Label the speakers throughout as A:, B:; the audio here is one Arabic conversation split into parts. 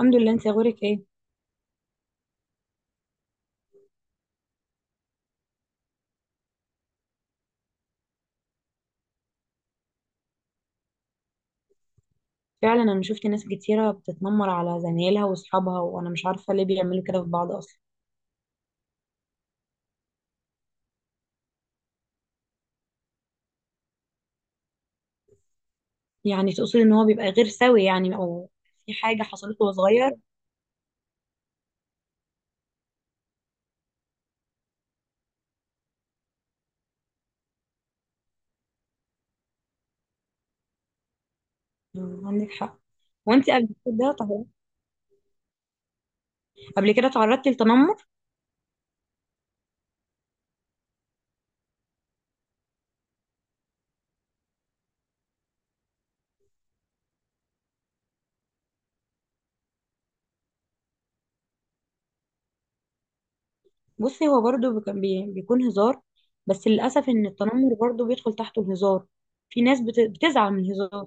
A: الحمد لله، انت اخبارك ايه؟ فعلا انا شفت ناس كتيره بتتنمر على زمايلها واصحابها، وانا مش عارفه ليه بيعملوا كده في بعض اصلا. يعني تقصد ان هو بيبقى غير سوي يعني او في حاجه حصلت وهو صغير؟ مم، عندك حق. وانت قبل كده قبل كده تعرضتي للتنمر؟ بصي، هو برضو بيكون هزار. بس للاسف ان التنمر برضو بيدخل تحته الهزار. في ناس بتزعل من الهزار.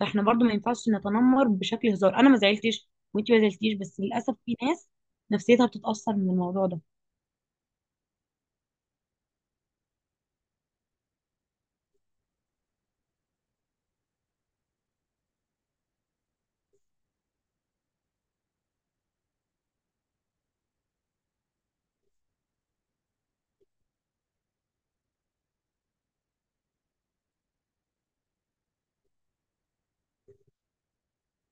A: فاحنا برضو ما ينفعش نتنمر بشكل هزار، انا ما زعلتش وانت ما زعلتيش، بس للاسف في ناس نفسيتها بتتاثر من الموضوع ده.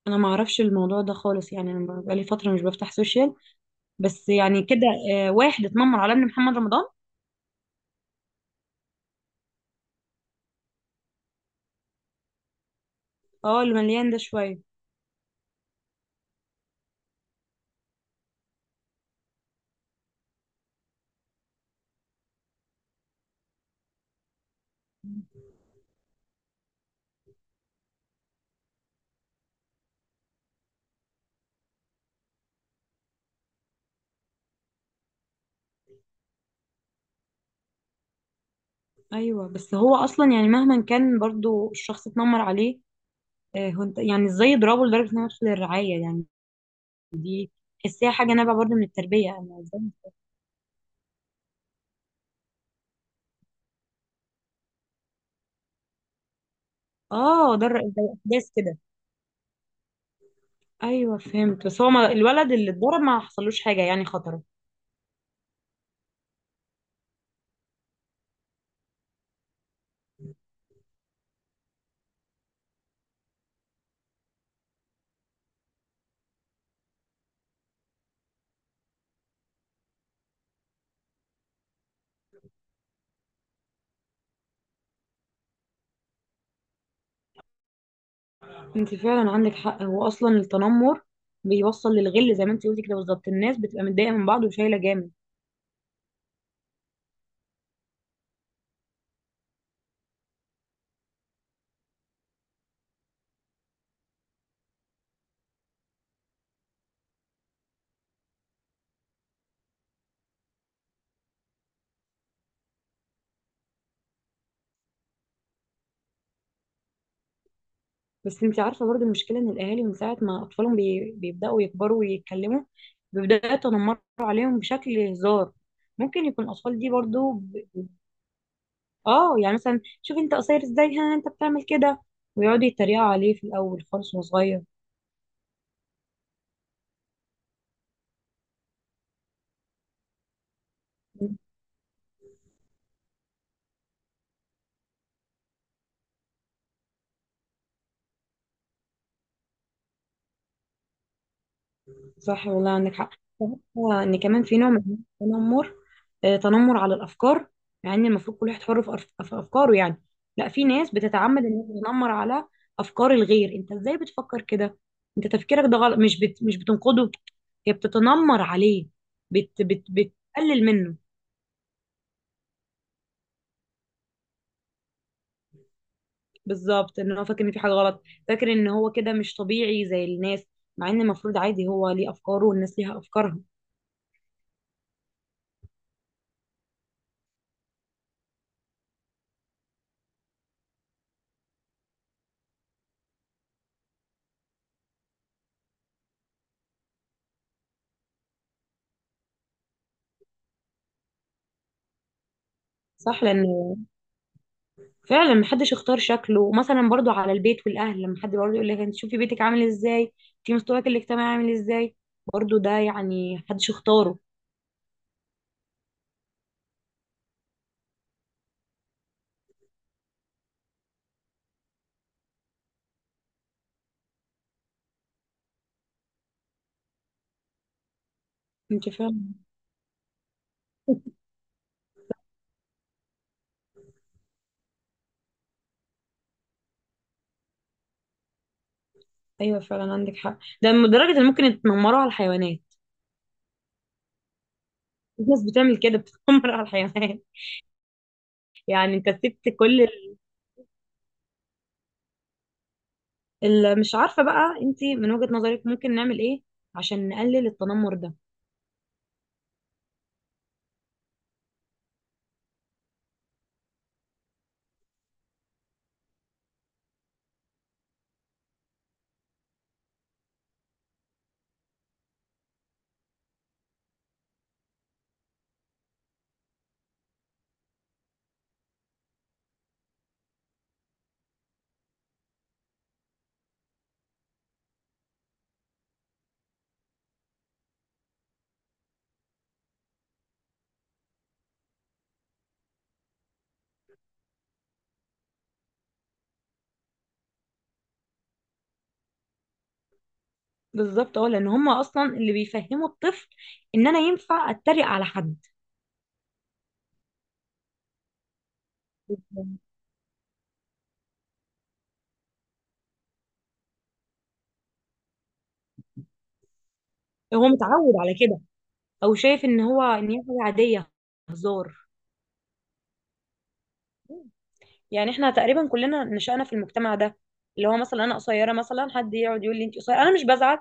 A: انا ما اعرفش الموضوع ده خالص، يعني انا بقالي فتره مش بفتح سوشيال. بس يعني كده، واحد اتنمر على ابن محمد رمضان. اه، اللي مليان ده شويه. ايوه بس هو اصلا يعني مهما كان برضو الشخص اتنمر عليه، هو انت يعني ازاي يضربه لدرجه انه يدخل الرعايه يعني؟ تحسيها حاجه نابعه برضو من التربيه يعني ازاي. اه ده ده احداث كده. ايوه فهمت، بس هو ما الولد اللي اتضرب ما حصلوش حاجه يعني خطره؟ انت فعلا عندك حق، هو اصلا التنمر بيوصل للغل زي ما انت قلتي كده بالظبط، الناس بتبقى متضايقه من بعض وشايله جامد. بس انت عارفه برضو المشكله ان الاهالي من ساعه ما اطفالهم بيبداوا يكبروا ويتكلموا، بيبداوا يتنمروا عليهم بشكل هزار. ممكن يكون الاطفال دي برضو اه يعني مثلا شوف انت قصير ازاي، ها انت بتعمل كده. ويقعدوا يتريقوا عليه في الاول خالص وهو صغير. صح والله عندك حق. هو ان كمان في نوع من التنمر، تنمر على الافكار. مع ان المفروض كل واحد حر في افكاره يعني. لا، في ناس بتتعمد ان هي تتنمر على افكار الغير. انت ازاي بتفكر كده؟ انت تفكيرك ده غلط، مش بتنقده، هي بتتنمر عليه، بتقلل منه. بالظبط ان هو فاكر ان في حاجه غلط، فاكر ان هو كده مش طبيعي زي الناس. مع ان المفروض عادي، هو ليه افكاره والناس ليها افكارها. صح، لان فعلا محدش اختار شكله. مثلا برضو على البيت والاهل، لما حد برضو يقول لك انت شوفي بيتك عامل ازاي، شوفي مستواك الاجتماعي عامل ازاي، برضو ده يعني محدش اختاره. انت فاهم. ايوه فعلا عندك حق، ده لدرجه ان ممكن يتنمروا على الحيوانات. في ناس بتعمل كده بتتنمر على الحيوانات. يعني انت سبت كل مش عارفه بقى. انت من وجهه نظرك ممكن نعمل ايه عشان نقلل التنمر ده؟ بالظبط، اه لان هم اصلا اللي بيفهموا الطفل ان انا ينفع اتريق على حد. هو متعود على كده، او شايف ان هو ان هي حاجه عاديه، هزار. يعني احنا تقريبا كلنا نشأنا في المجتمع ده، اللي هو مثلا انا قصيره، مثلا حد يقعد يقول لي انت قصيره، انا مش بزعل،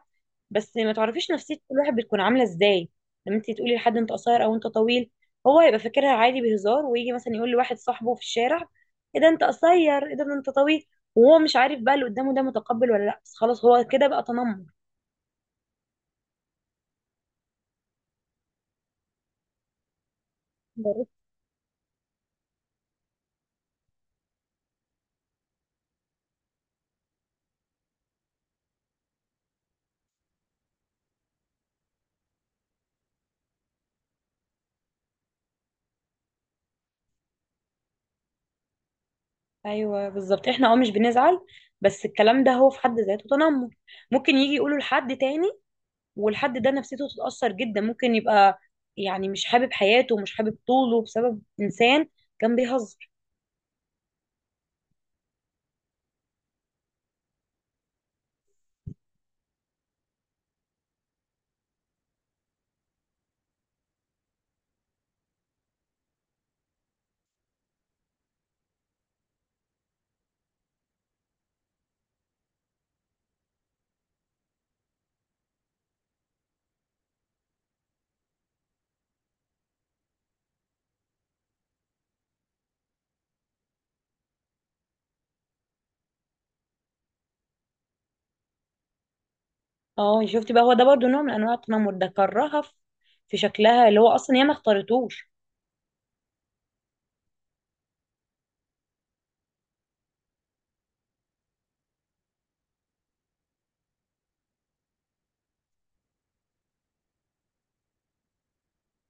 A: بس ما تعرفيش نفسيه كل واحد بتكون عامله ازاي. لما انت تقولي لحد انت قصير او انت طويل، هو يبقى فاكرها عادي بهزار، ويجي مثلا يقول لواحد صاحبه في الشارع ايه ده انت قصير ايه ده انت طويل، وهو مش عارف بقى اللي قدامه ده متقبل ولا لا، بس خلاص هو كده بقى تنمر. ايوه بالظبط، احنا مش بنزعل، بس الكلام ده هو في حد ذاته تنمر، ممكن يجي يقوله لحد تاني، والحد ده نفسيته تتأثر جدا، ممكن يبقى يعني مش حابب حياته ومش حابب طوله بسبب انسان كان بيهزر. اه شفتي بقى، هو ده برضه نوع من انواع التنمر، ده كرهها في شكلها اللي هو اصلا هي ما اختارتوش.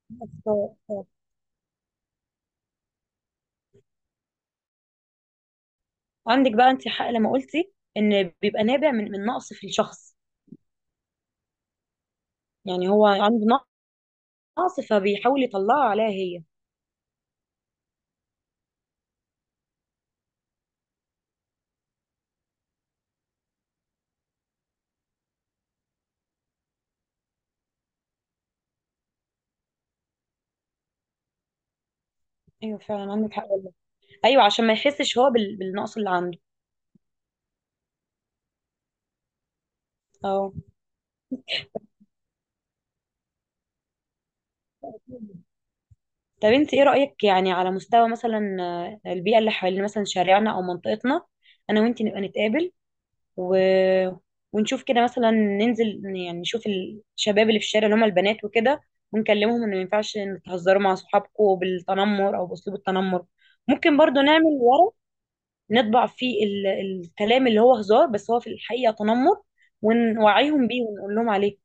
A: آه. عندك بقى انت حق لما قلتي ان بيبقى نابع من نقص في الشخص. يعني هو عنده نقص، فبيحاول يطلعه عليها هي. ايوه فعلا عندك حق والله. ايوه عشان ما يحسش هو بالنقص اللي عنده، اه. طب انت ايه رأيك يعني على مستوى مثلا، البيئة اللي حوالين مثلا شارعنا او منطقتنا. انا وانت نبقى نتقابل و... ونشوف كده مثلا، ننزل يعني نشوف الشباب اللي في الشارع اللي هم البنات وكده، ونكلمهم ان ما ينفعش إن تهزروا مع صحابكم بالتنمر او باسلوب التنمر. ممكن برضو نعمل ورق نطبع فيه الكلام اللي هو هزار بس هو في الحقيقة تنمر، ونوعيهم بيه ونقول لهم عليه.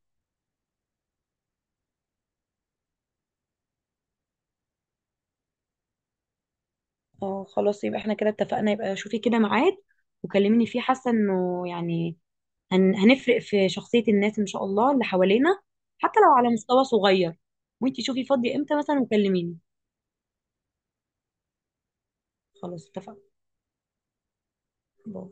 A: اه خلاص يبقى احنا كده اتفقنا، يبقى شوفي كده ميعاد وكلميني فيه، حاسه انه يعني هنفرق في شخصيه الناس ان شاء الله اللي حوالينا. حتى لو على مستوى صغير. وانتي شوفي فاضيه امتى مثلا وكلميني. خلاص اتفقنا. باي.